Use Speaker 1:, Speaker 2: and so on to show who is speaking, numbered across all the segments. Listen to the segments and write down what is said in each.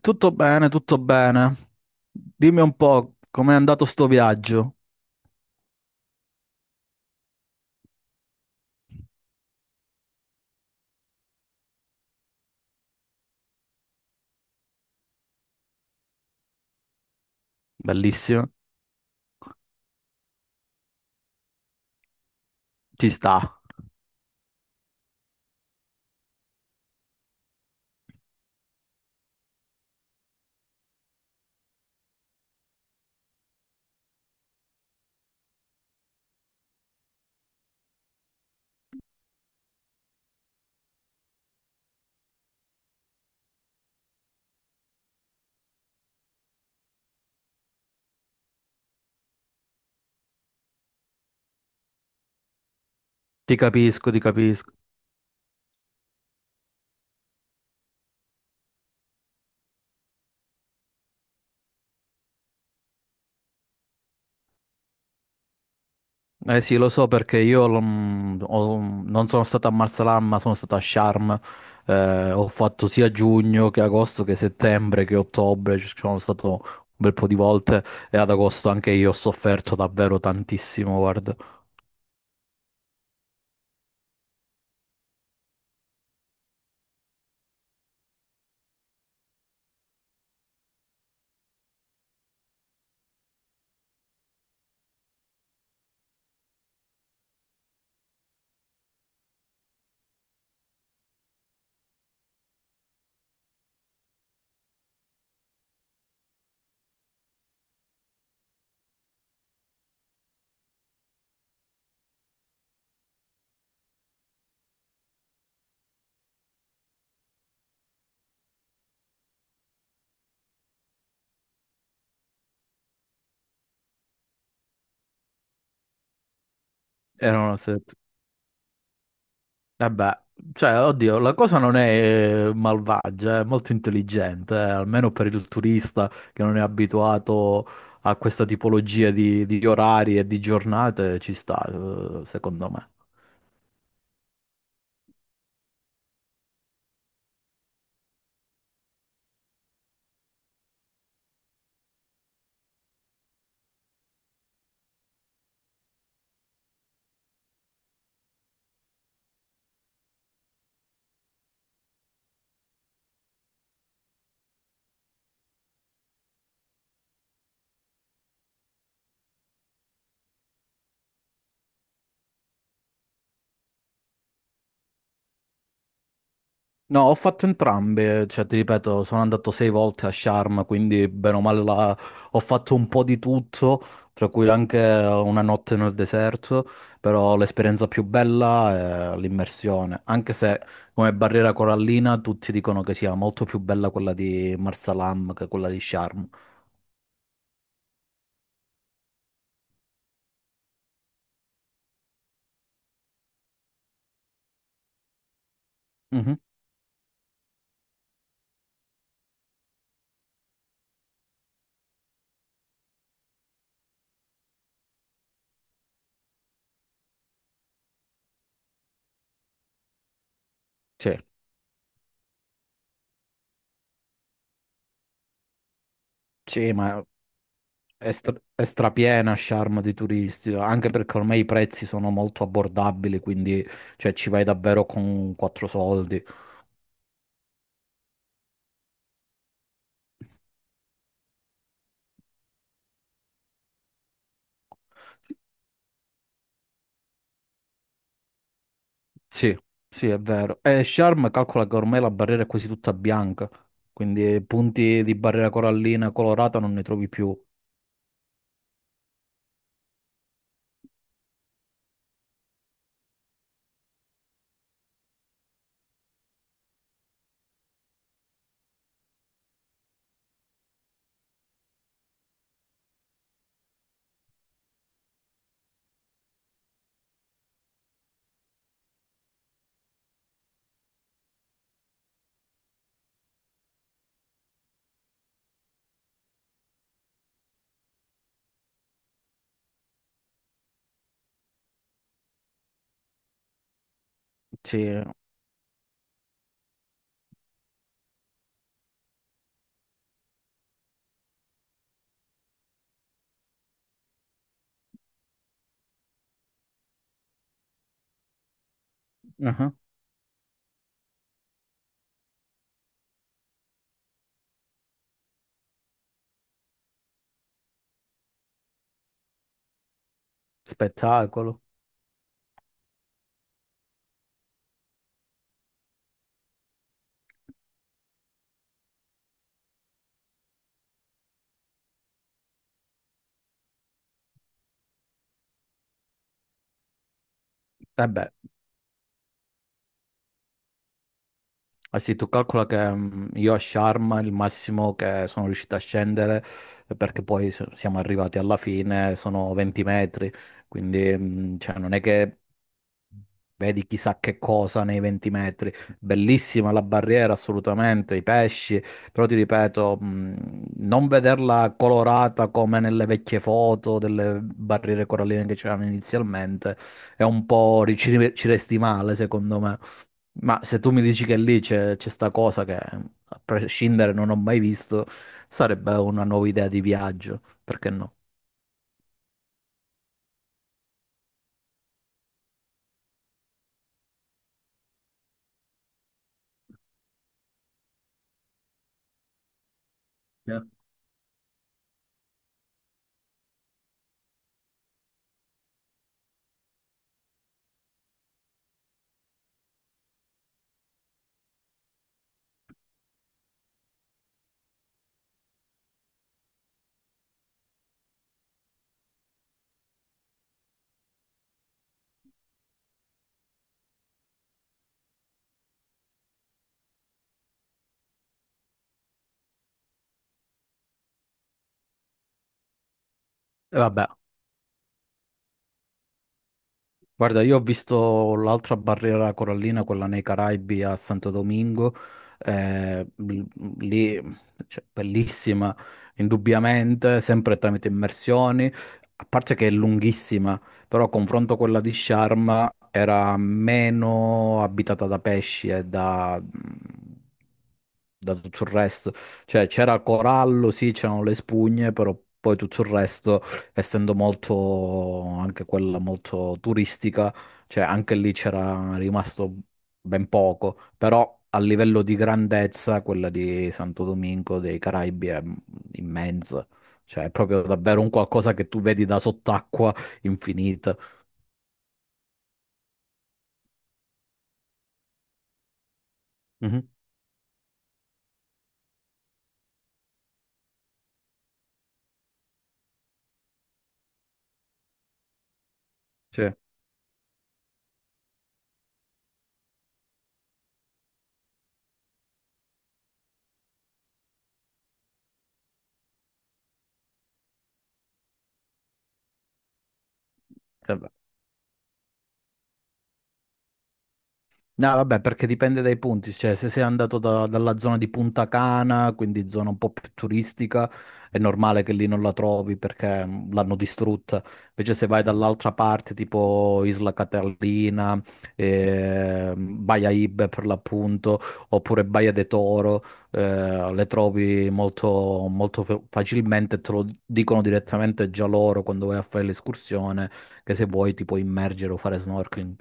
Speaker 1: Tutto bene, tutto bene. Dimmi un po' com'è andato sto viaggio. Bellissimo. Ci sta. Ti capisco, ti capisco. Eh sì, lo so perché io non sono stato a Marsalam, ma sono stato a Sharm. Ho fatto sia giugno che agosto che settembre che ottobre. Ci sono stato un bel po' di volte e ad agosto anche io ho sofferto davvero tantissimo, guarda. Erano set- Vabbè, cioè, oddio, la cosa non è malvagia, è molto intelligente, almeno per il turista che non è abituato a questa tipologia di orari e di giornate, ci sta, secondo me. No, ho fatto entrambe, cioè ti ripeto, sono andato sei volte a Sharm, quindi bene o male la- ho fatto un po' di tutto, tra cui anche una notte nel deserto, però l'esperienza più bella è l'immersione, anche se come barriera corallina tutti dicono che sia molto più bella quella di Marsalam che quella di Sharm. Mhm. Sì, sì, ma è, stra- è strapiena Sharm di turisti, anche perché ormai i prezzi sono molto abbordabili, quindi cioè, ci vai davvero con quattro soldi. Sì, sì, è vero. E Sharm calcola che ormai la barriera è quasi tutta bianca, quindi punti di barriera corallina colorata non ne trovi più. Sì, uh-huh. Spettacolo. E beh, eh sì, tu calcola che io a Sharm il massimo che sono riuscito a scendere, perché poi siamo arrivati alla fine, sono 20 metri, quindi cioè, non è che vedi chissà che cosa nei 20 metri. Bellissima la barriera, assolutamente, i pesci, però ti ripeto, non vederla colorata come nelle vecchie foto delle barriere coralline che c'erano inizialmente è un po' ci resti male, secondo me. Ma se tu mi dici che lì c'è sta cosa che a prescindere non ho mai visto, sarebbe una nuova idea di viaggio, perché no? Eh. E vabbè, guarda, io ho visto l'altra barriera corallina, quella nei Caraibi a Santo Domingo, eh, l- lì, cioè, bellissima, indubbiamente, sempre tramite immersioni, a parte che è lunghissima, però a confronto a quella di Sharm era meno abitata da pesci e da da tutto il resto. Cioè c'era corallo, sì, c'erano le spugne, però poi tutto il resto essendo molto anche quella molto turistica, cioè anche lì c'era rimasto ben poco, però a livello di grandezza quella di Santo Domingo dei Caraibi è immensa, cioè è proprio davvero un qualcosa che tu vedi da sott'acqua infinita. Mhm. Sì. Eh, no, vabbè, perché dipende dai punti, cioè se sei andato dalla zona di Punta Cana, quindi zona un po' più turistica, è normale che lì non la trovi perché l'hanno distrutta. Invece se vai dall'altra parte, tipo Isla Catalina, Baia Ibe per l'appunto, oppure Baia de Toro, le trovi molto, facilmente, te lo dicono direttamente già loro quando vai a fare l'escursione, che se vuoi ti puoi immergere o fare snorkeling.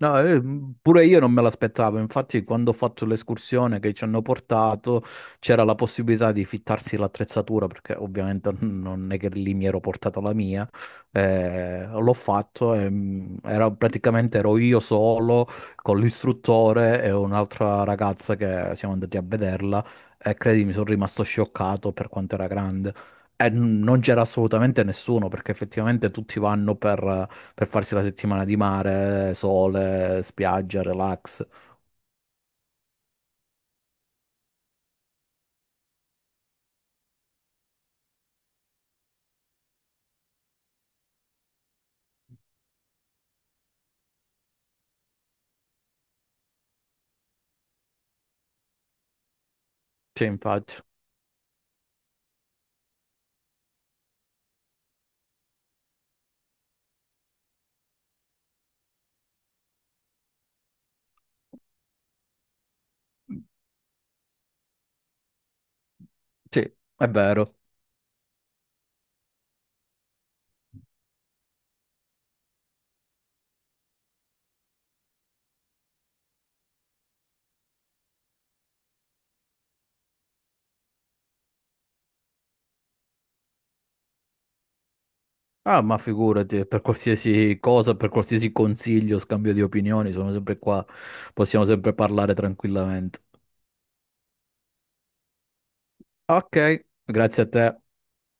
Speaker 1: No, pure io non me l'aspettavo, infatti quando ho fatto l'escursione che ci hanno portato c'era la possibilità di fittarsi l'attrezzatura perché ovviamente non è che lì mi ero portata la mia, l'ho fatto e praticamente ero io solo con l'istruttore e un'altra ragazza che siamo andati a vederla e credimi sono rimasto scioccato per quanto era grande e non c'era assolutamente nessuno perché effettivamente tutti vanno per farsi la settimana di mare, sole, spiaggia, relax. Sì, infatti. Sì, è vero. Ah, ma figurati, per qualsiasi cosa, per qualsiasi consiglio, scambio di opinioni, sono sempre qua. Possiamo sempre parlare tranquillamente. Ok, grazie a te.